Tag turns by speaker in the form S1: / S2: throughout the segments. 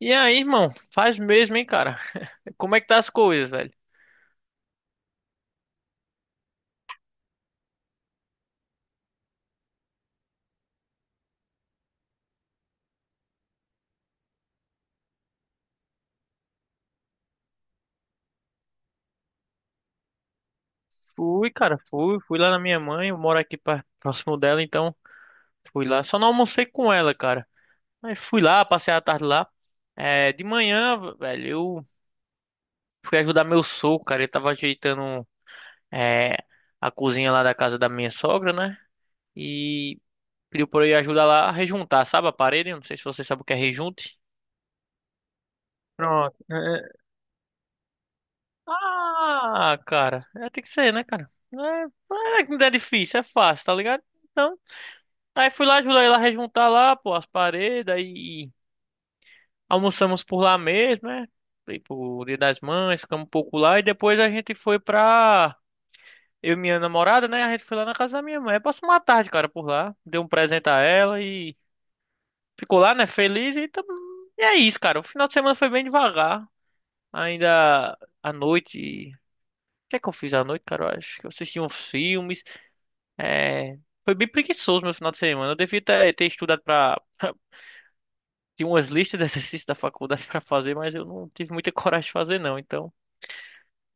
S1: E aí, irmão? Faz mesmo, hein, cara? Como é que tá as coisas, velho? Fui, cara, fui lá na minha mãe, eu moro aqui próximo dela, então fui lá. Só não almocei com ela, cara. Mas fui lá, passei a tarde lá. É, de manhã, velho, eu fui ajudar meu sogro, cara. Ele tava ajeitando é, a cozinha lá da casa da minha sogra, né? E pediu pra eu ir ajudar lá a rejuntar, sabe a parede? Eu não sei se você sabe o que é rejunte. Pronto. Ah, cara, é, tem que ser, né, cara? Não é que não é difícil, é fácil, tá ligado? Então, aí fui lá, ajudei lá a rejuntar lá, pô, as paredes, aí almoçamos por lá mesmo, né? Fui pro Dia das Mães, ficamos um pouco lá, e depois a gente foi pra. Eu e minha namorada, né? A gente foi lá na casa da minha mãe. Aí passamos uma tarde, cara, por lá. Dei um presente a ela e ficou lá, né? Feliz. E, e é isso, cara. O final de semana foi bem devagar. Ainda à noite. O que é que eu fiz à noite, cara? Eu acho que eu assisti uns filmes. É, foi bem preguiçoso meu final de semana. Eu devia ter, ter estudado para tinha umas listas de exercícios da faculdade para fazer, mas eu não tive muita coragem de fazer não. Então,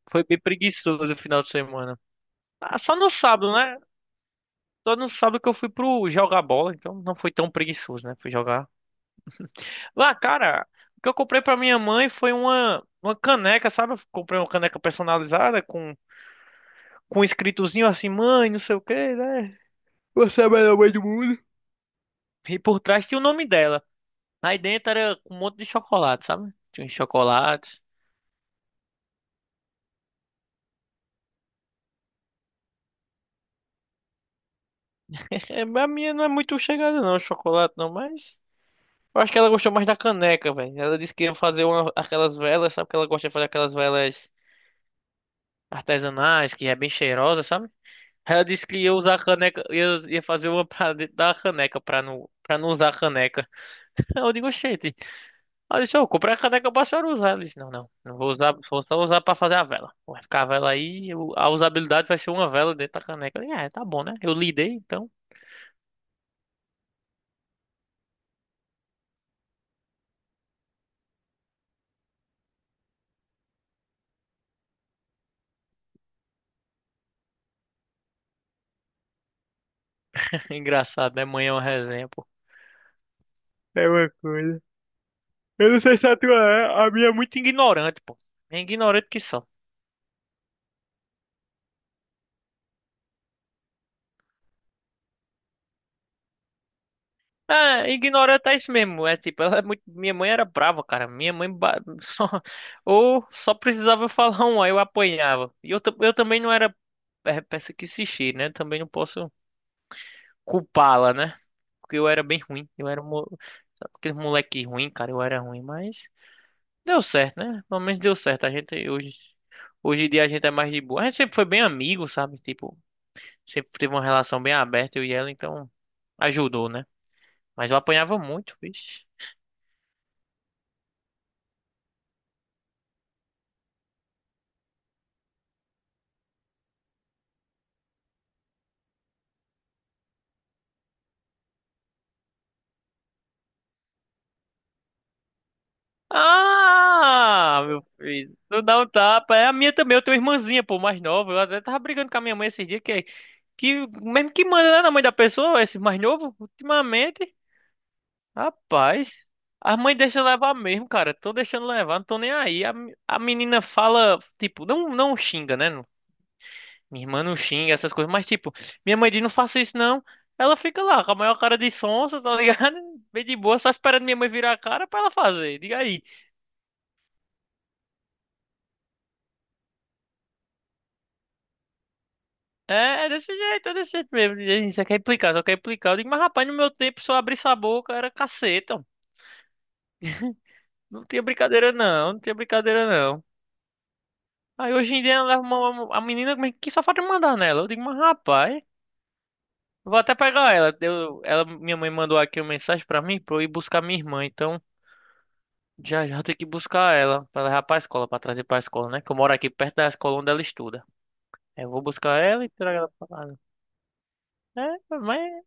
S1: foi bem preguiçoso o final de semana. Ah, só no sábado, né? Só no sábado que eu fui pro jogar bola, então não foi tão preguiçoso, né? Fui jogar. Lá, cara, o que eu comprei para minha mãe foi uma caneca, sabe? Eu comprei uma caneca personalizada com um escritozinho assim, mãe, não sei o quê, né? Você é a melhor mãe do mundo. E por trás tinha o nome dela. Aí dentro era com um monte de chocolate, sabe? Tinha uns chocolates. É, a minha não é muito chegada, não, chocolate não, mas. Eu acho que ela gostou mais da caneca, velho. Ela disse que ia fazer aquelas velas, sabe? Que ela gosta de fazer aquelas velas artesanais, que é bem cheirosa, sabe? Ela disse que ia usar a caneca, ia fazer uma pra dentro da caneca, pra não usar a caneca. Eu digo, oxente. Ela disse, eu comprei a caneca pra senhora usar. Ela disse, não vou usar, vou só usar pra fazer a vela. Vai ficar a vela aí, a usabilidade vai ser uma vela dentro da caneca. Eu disse, ah, tá bom, né? Eu lidei, então. Engraçado, né? Manhã é uma resenha, pô. É uma coisa. Eu não sei se a tua é, a minha é muito ignorante, pô. É ignorante que só. É, ignorante é isso mesmo. É tipo, ela é muito. Minha mãe era brava, cara. Minha mãe só. Ou só precisava falar um, aí eu apanhava. E eu, eu também não era. É, peça que se cheire, né? Também não posso culpá-la, né? Porque eu era bem ruim. Eu era sabe, aquele moleque ruim, cara. Eu era ruim, mas deu certo, né? Pelo menos deu certo. Hoje em dia a gente é mais de boa. A gente sempre foi bem amigo, sabe? Tipo, sempre teve uma relação bem aberta, eu e ela, então ajudou, né? Mas eu apanhava muito, vixe. Ah, meu filho, tu dá um tapa. É a minha também, eu tenho uma irmãzinha, pô, mais nova. Eu até tava brigando com a minha mãe esses dias, que mesmo que manda né, na mãe da pessoa, esse mais novo, ultimamente. Rapaz, as mães deixam levar mesmo, cara. Tô deixando levar, não tô nem aí. A menina fala, tipo, não xinga, né? Não. Minha irmã não xinga essas coisas, mas tipo, minha mãe diz, não faça isso não. Ela fica lá com a maior cara de sonsa, tá ligado? Bem de boa, só esperando minha mãe virar a cara pra ela fazer. Diga aí. É, é desse jeito mesmo. Diz aí, você quer implicar, só quer implicar. Eu digo, mas rapaz, no meu tempo, se eu abrisse a boca, era caceta. Não tinha brincadeira não. Aí hoje em dia ela leva a menina como é que só falta me mandar nela. Eu digo, mas rapaz, vou até pegar ela. Minha mãe mandou aqui uma mensagem pra mim pra eu ir buscar minha irmã. Então já já eu tenho que buscar ela pra levar pra escola, pra trazer pra escola, né? Que eu moro aqui perto da escola onde ela estuda. Aí eu vou buscar ela e trago ela pra casa. É, mas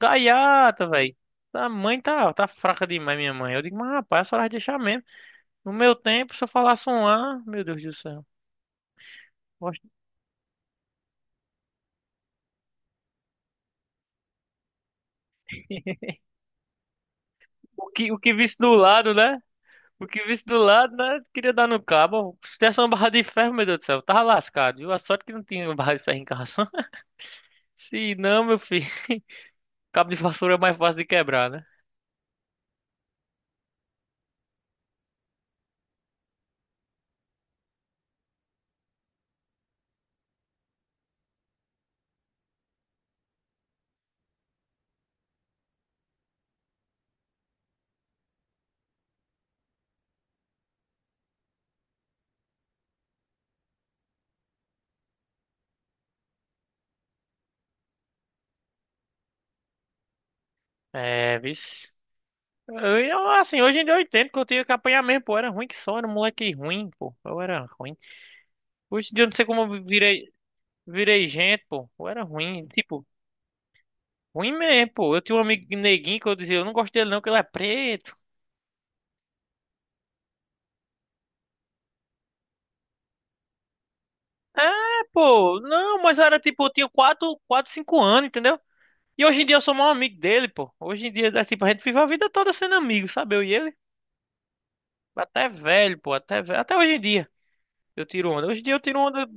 S1: gaiata, velho. A mãe tá fraca demais, minha mãe. Eu digo, mas rapaz, a senhora vai deixar mesmo. No meu tempo, se eu falasse um ah, meu Deus do céu. Oxe. O que visse do lado, né? O que visse do lado, né? Queria dar no cabo. Se tivesse uma barra de ferro, meu Deus do céu, tava lascado, viu? A sorte que não tinha uma barra de ferro em casa. Se não, meu filho, cabo de vassoura é mais fácil de quebrar, né? É, vixe. Assim, hoje em dia eu entendo que eu tinha que apanhar mesmo, pô. Eu era ruim que só, era um moleque ruim, pô. Eu era ruim. Hoje em dia eu não sei como eu virei, virei gente, pô. Eu era ruim, tipo, ruim mesmo, pô. Eu tinha um amigo neguinho que eu dizia, eu não gosto dele não, que ele é preto. É, pô, não, mas era tipo, eu tinha 4, 5 anos, entendeu? E hoje em dia eu sou o maior amigo dele, pô. Hoje em dia, é tipo, a gente vive a vida toda sendo amigo, sabe? Eu e ele. Até velho, pô. Até velho. Até hoje em dia. Eu tiro onda. Hoje em dia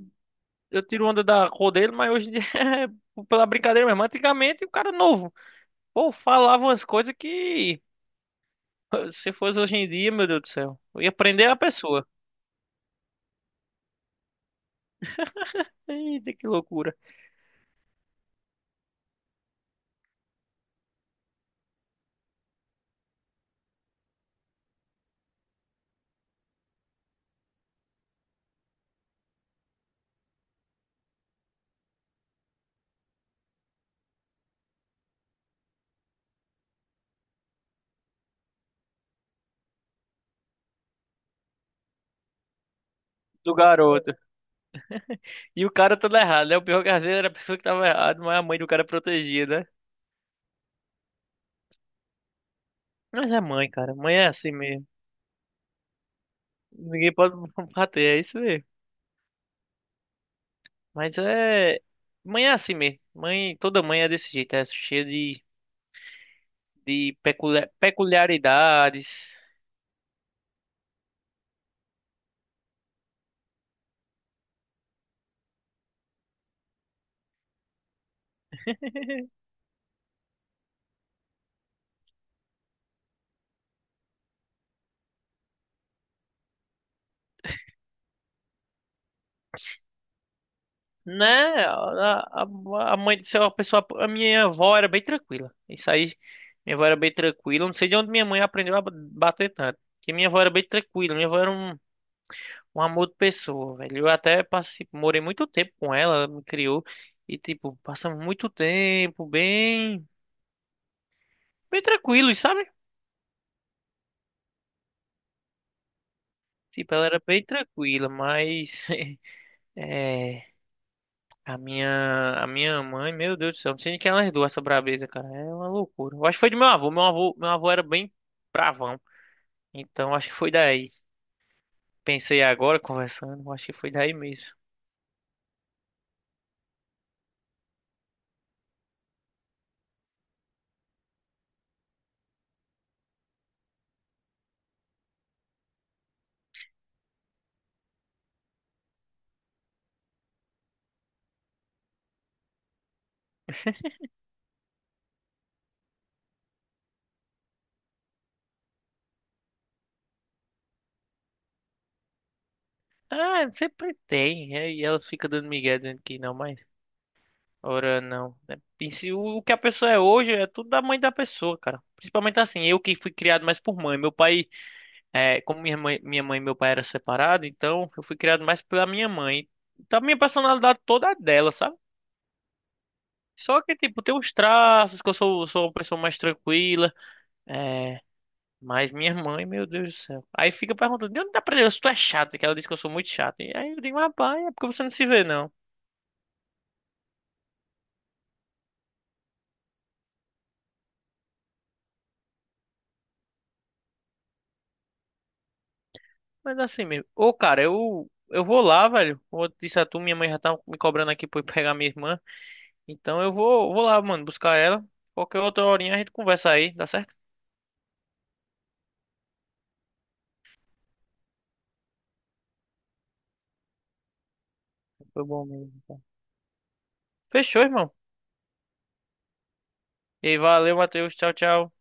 S1: eu tiro onda da cor dele, mas hoje em dia é pela brincadeira mesmo. Antigamente o cara novo. Pô, falava umas coisas que se fosse hoje em dia, meu Deus do céu. Eu ia prender a pessoa. Eita, que loucura. Do garoto. E o cara todo errado, né? O pior que às vezes era a pessoa que tava errada, mas a mãe do cara protegia, né? Mas é mãe, cara. Mãe é assim mesmo. Ninguém pode bater, é isso mesmo. Mas é. Mãe é assim mesmo. Mãe, toda mãe é desse jeito, é cheia de peculiaridades. Né? A, a, a mãe do céu, a pessoa. A minha avó era bem tranquila. Isso aí, minha avó era bem tranquila. Eu não sei de onde minha mãe aprendeu a bater tanto. Porque minha avó era bem tranquila. Minha avó era um amor de pessoa, velho. Eu até passei, morei muito tempo com ela, ela me criou. E, tipo, passamos muito tempo bem. Bem tranquilo, sabe? Tipo, ela era bem tranquila, mas. É, a minha mãe, meu Deus do céu, não sei nem quem ela herdou essa brabeza, cara. É uma loucura. Eu acho que foi do meu avô. Meu avô era bem bravão. Então acho que foi daí. Pensei agora conversando, acho que foi daí mesmo. Ah, sempre tem. É, e elas ficam dando migué dizendo que não, mas ora não, né? E se o que a pessoa é hoje é tudo da mãe da pessoa, cara. Principalmente assim, eu que fui criado mais por mãe. Meu pai é, como minha mãe e meu pai eram separados, então eu fui criado mais pela minha mãe. Então a minha personalidade toda é dela, sabe? Só que, tipo, tem uns traços que eu sou uma pessoa mais tranquila. É, mas minha mãe, meu Deus do céu. Aí fica perguntando, de onde dá aprendendo? Se tu é chato, que ela disse que eu sou muito chato. E aí eu digo, rapaz, é porque você não se vê, não. Mas assim mesmo. Ô, cara, eu vou lá, velho. Como eu disse a tu, minha mãe já tá me cobrando aqui pra eu pegar minha irmã. Então eu vou lá, mano, buscar ela. Qualquer outra horinha a gente conversa aí, dá certo? Foi bom mesmo. Fechou, irmão. E aí, valeu, Matheus. Tchau, tchau.